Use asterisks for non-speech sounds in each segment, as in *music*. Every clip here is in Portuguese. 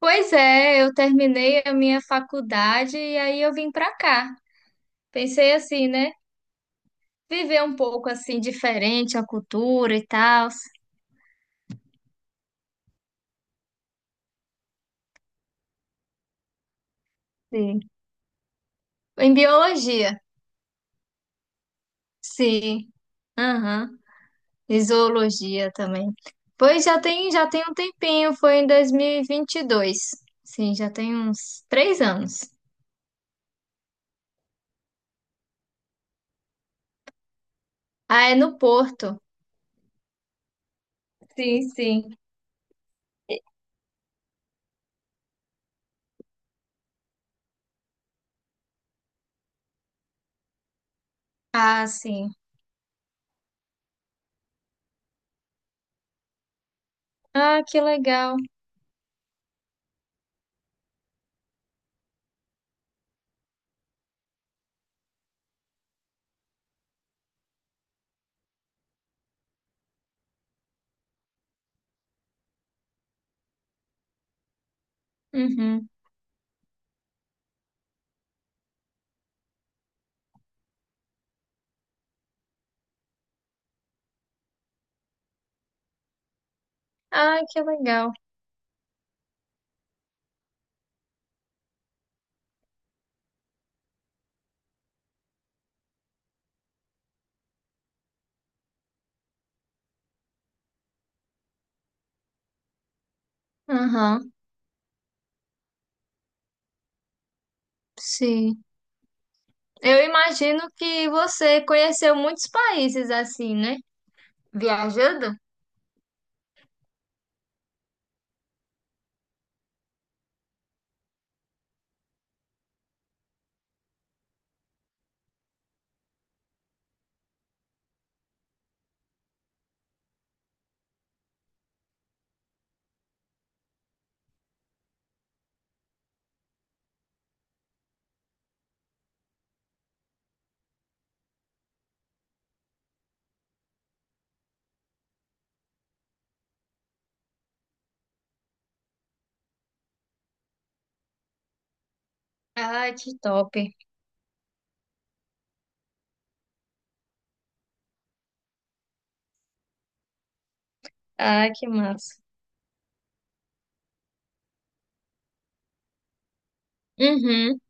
Pois é, eu terminei a minha faculdade e aí eu vim pra cá. Pensei assim, né? Viver um pouco assim diferente a cultura e tal. Sim. Em biologia, sim. Aham. E zoologia também. Pois já tem um tempinho, foi em dois mil e vinte e dois. Sim, já tem uns 3 anos. Ah, é no Porto. Sim, sim. Ah, sim. Ah, que legal. Uhum. Ah, que legal. Aham, sim. Eu imagino que você conheceu muitos países assim, né? Viajando? Ai, que top. Ai, que massa. Uhum.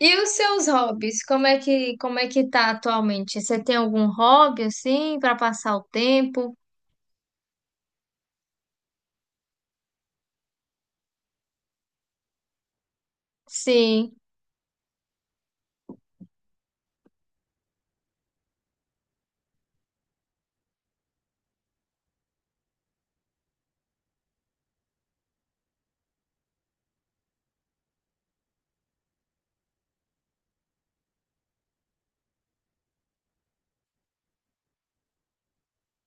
E os seus hobbies? Como é que tá atualmente? Você tem algum hobby assim para passar o tempo? Sim.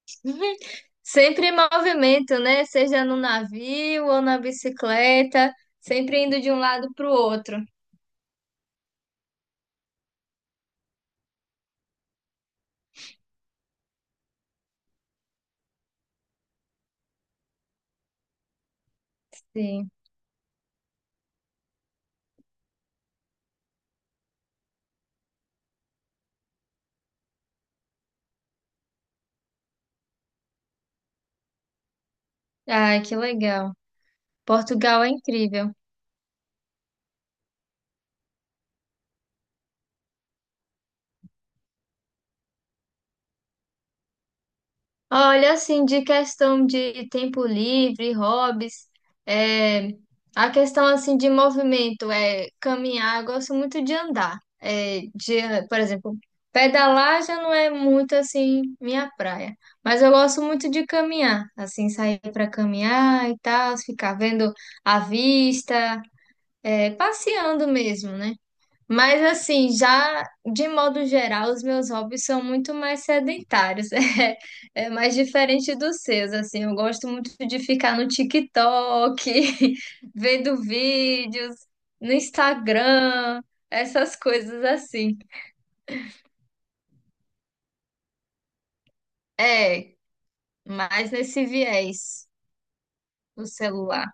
*laughs* Sempre em movimento, né? Seja no navio ou na bicicleta, sempre indo de um lado para o outro. Sim. Ai, que legal. Portugal é incrível. Olha, assim, de questão de tempo livre, hobbies, é, a questão, assim, de movimento, é caminhar, eu gosto muito de andar, é, de, por exemplo, pedalar já não é muito, assim, minha praia, mas eu gosto muito de caminhar, assim, sair para caminhar e tal, ficar vendo a vista, é, passeando mesmo, né? Mas assim, já de modo geral, os meus hobbies são muito mais sedentários, *laughs* é mais diferente dos seus, assim, eu gosto muito de ficar no TikTok, *laughs* vendo vídeos, no Instagram, essas coisas assim. É, mais nesse viés, o celular.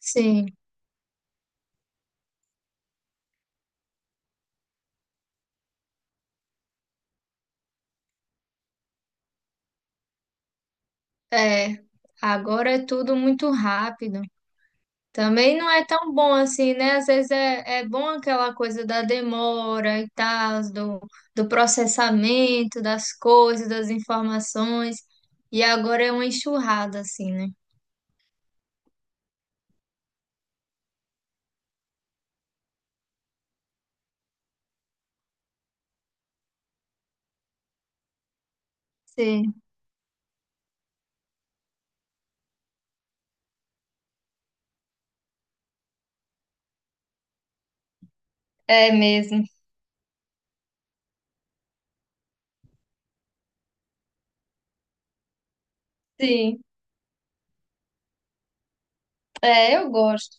Sim, é, agora é tudo muito rápido. Também não é tão bom assim, né? Às vezes é bom aquela coisa da demora e tal, do processamento das coisas, das informações. E agora é uma enxurrada, assim, né? Sim, é mesmo. Sim, é, eu gosto.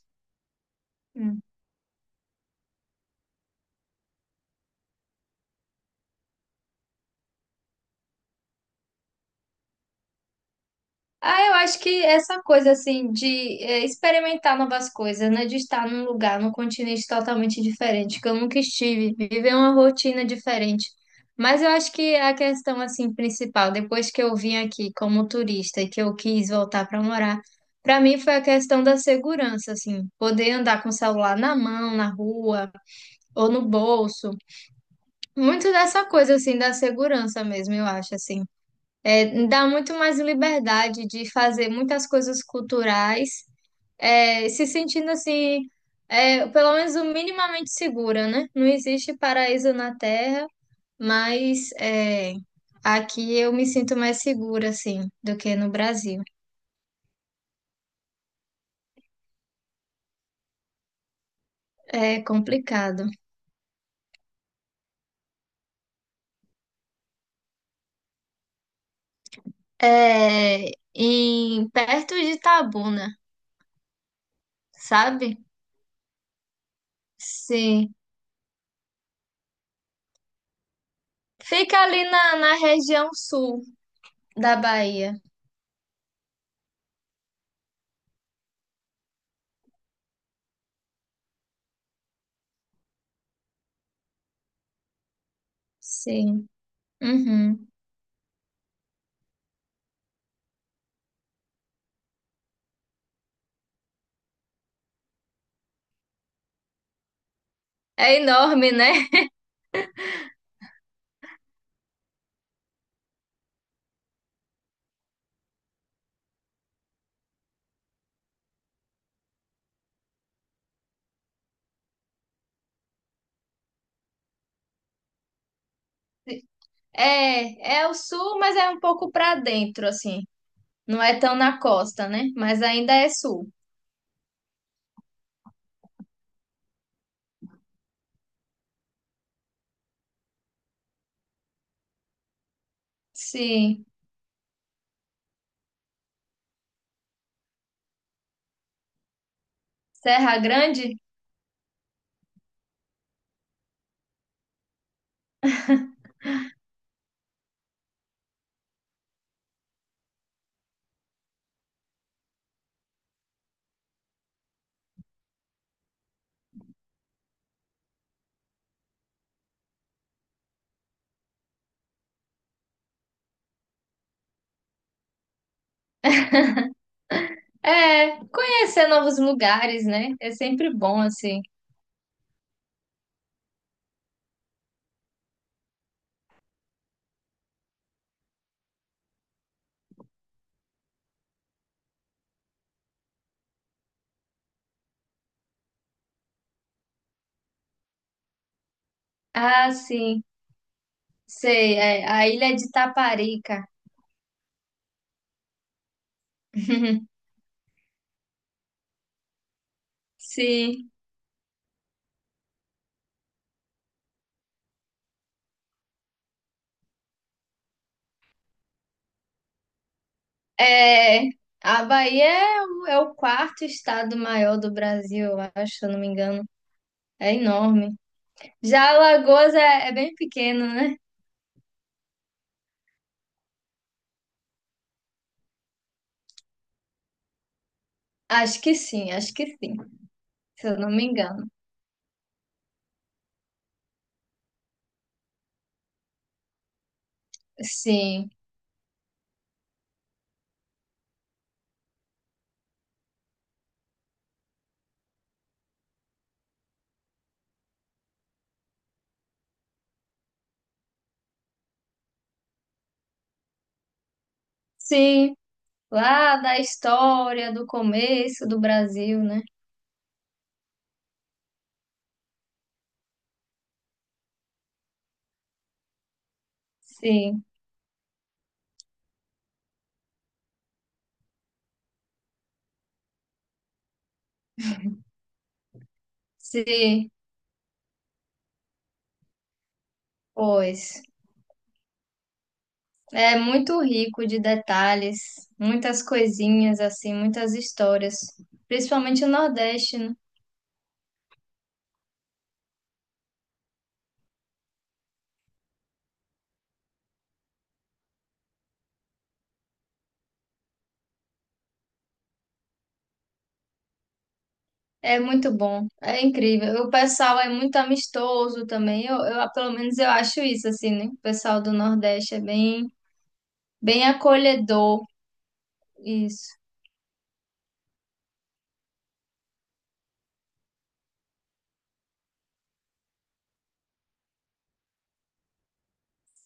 Ah, eu acho que essa coisa assim de experimentar novas coisas, né? De estar num lugar, num continente totalmente diferente, que eu nunca estive, viver uma rotina diferente. Mas eu acho que a questão assim principal, depois que eu vim aqui como turista e que eu quis voltar para morar, para mim foi a questão da segurança, assim, poder andar com o celular na mão, na rua ou no bolso. Muito dessa coisa assim da segurança mesmo, eu acho assim. É, dá muito mais liberdade de fazer muitas coisas culturais, é, se sentindo assim, é, pelo menos o minimamente segura, né? Não existe paraíso na Terra, mas é, aqui eu me sinto mais segura, assim, do que no Brasil. É complicado. É, perto de Itabuna, sabe? Sim. Fica ali na região sul da Bahia. Sim. Uhum. É enorme, né? É, é o sul, mas é um pouco pra dentro, assim. Não é tão na costa, né? Mas ainda é sul. Sim. Serra Grande? É, conhecer novos lugares, né? É sempre bom, assim. Ah, sim. Sei, é a Ilha de Taparica. *laughs* Sim. É, a Bahia é o quarto estado maior do Brasil, eu acho, se eu não me engano. É enorme. Já Alagoas é bem pequeno, né? Acho que sim, acho que sim. Se eu não me engano. Sim, sim, lá da história, do começo do Brasil, né? Sim, sim, pois. É muito rico de detalhes, muitas coisinhas, assim, muitas histórias. Principalmente o Nordeste, né? É muito bom, é incrível. O pessoal é muito amistoso também. Eu, pelo menos eu acho isso, assim, né? O pessoal do Nordeste é bem, bem acolhedor. Isso,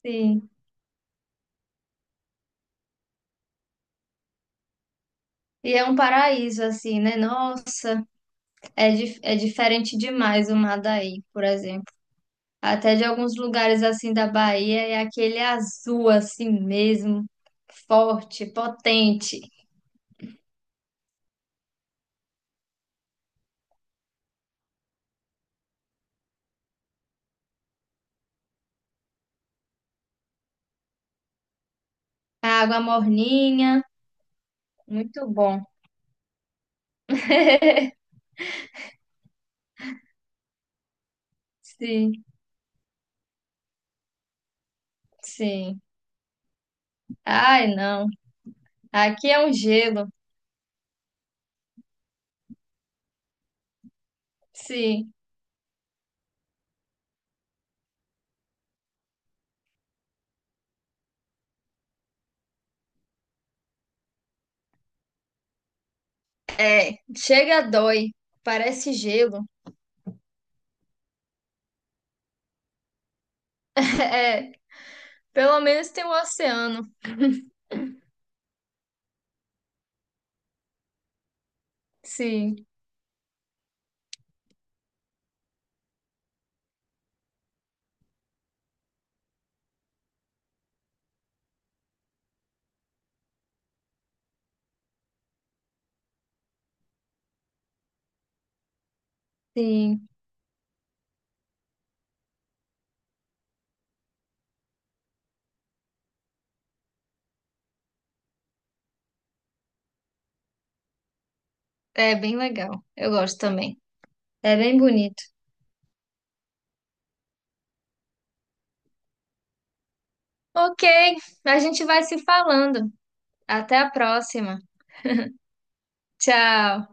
sim. E é um paraíso, assim, né? Nossa. É, é diferente demais o Madaí, por exemplo. Até de alguns lugares assim da Bahia é aquele azul assim mesmo, forte, potente. A água morninha, muito bom. Sim, sim. Ai, não. Aqui é um gelo. Sim. É, chega a dói. Parece gelo. *laughs* É, pelo menos tem o oceano. Sim, sim. É bem legal. Eu gosto também. É bem bonito. Ok, a gente vai se falando. Até a próxima. Tchau.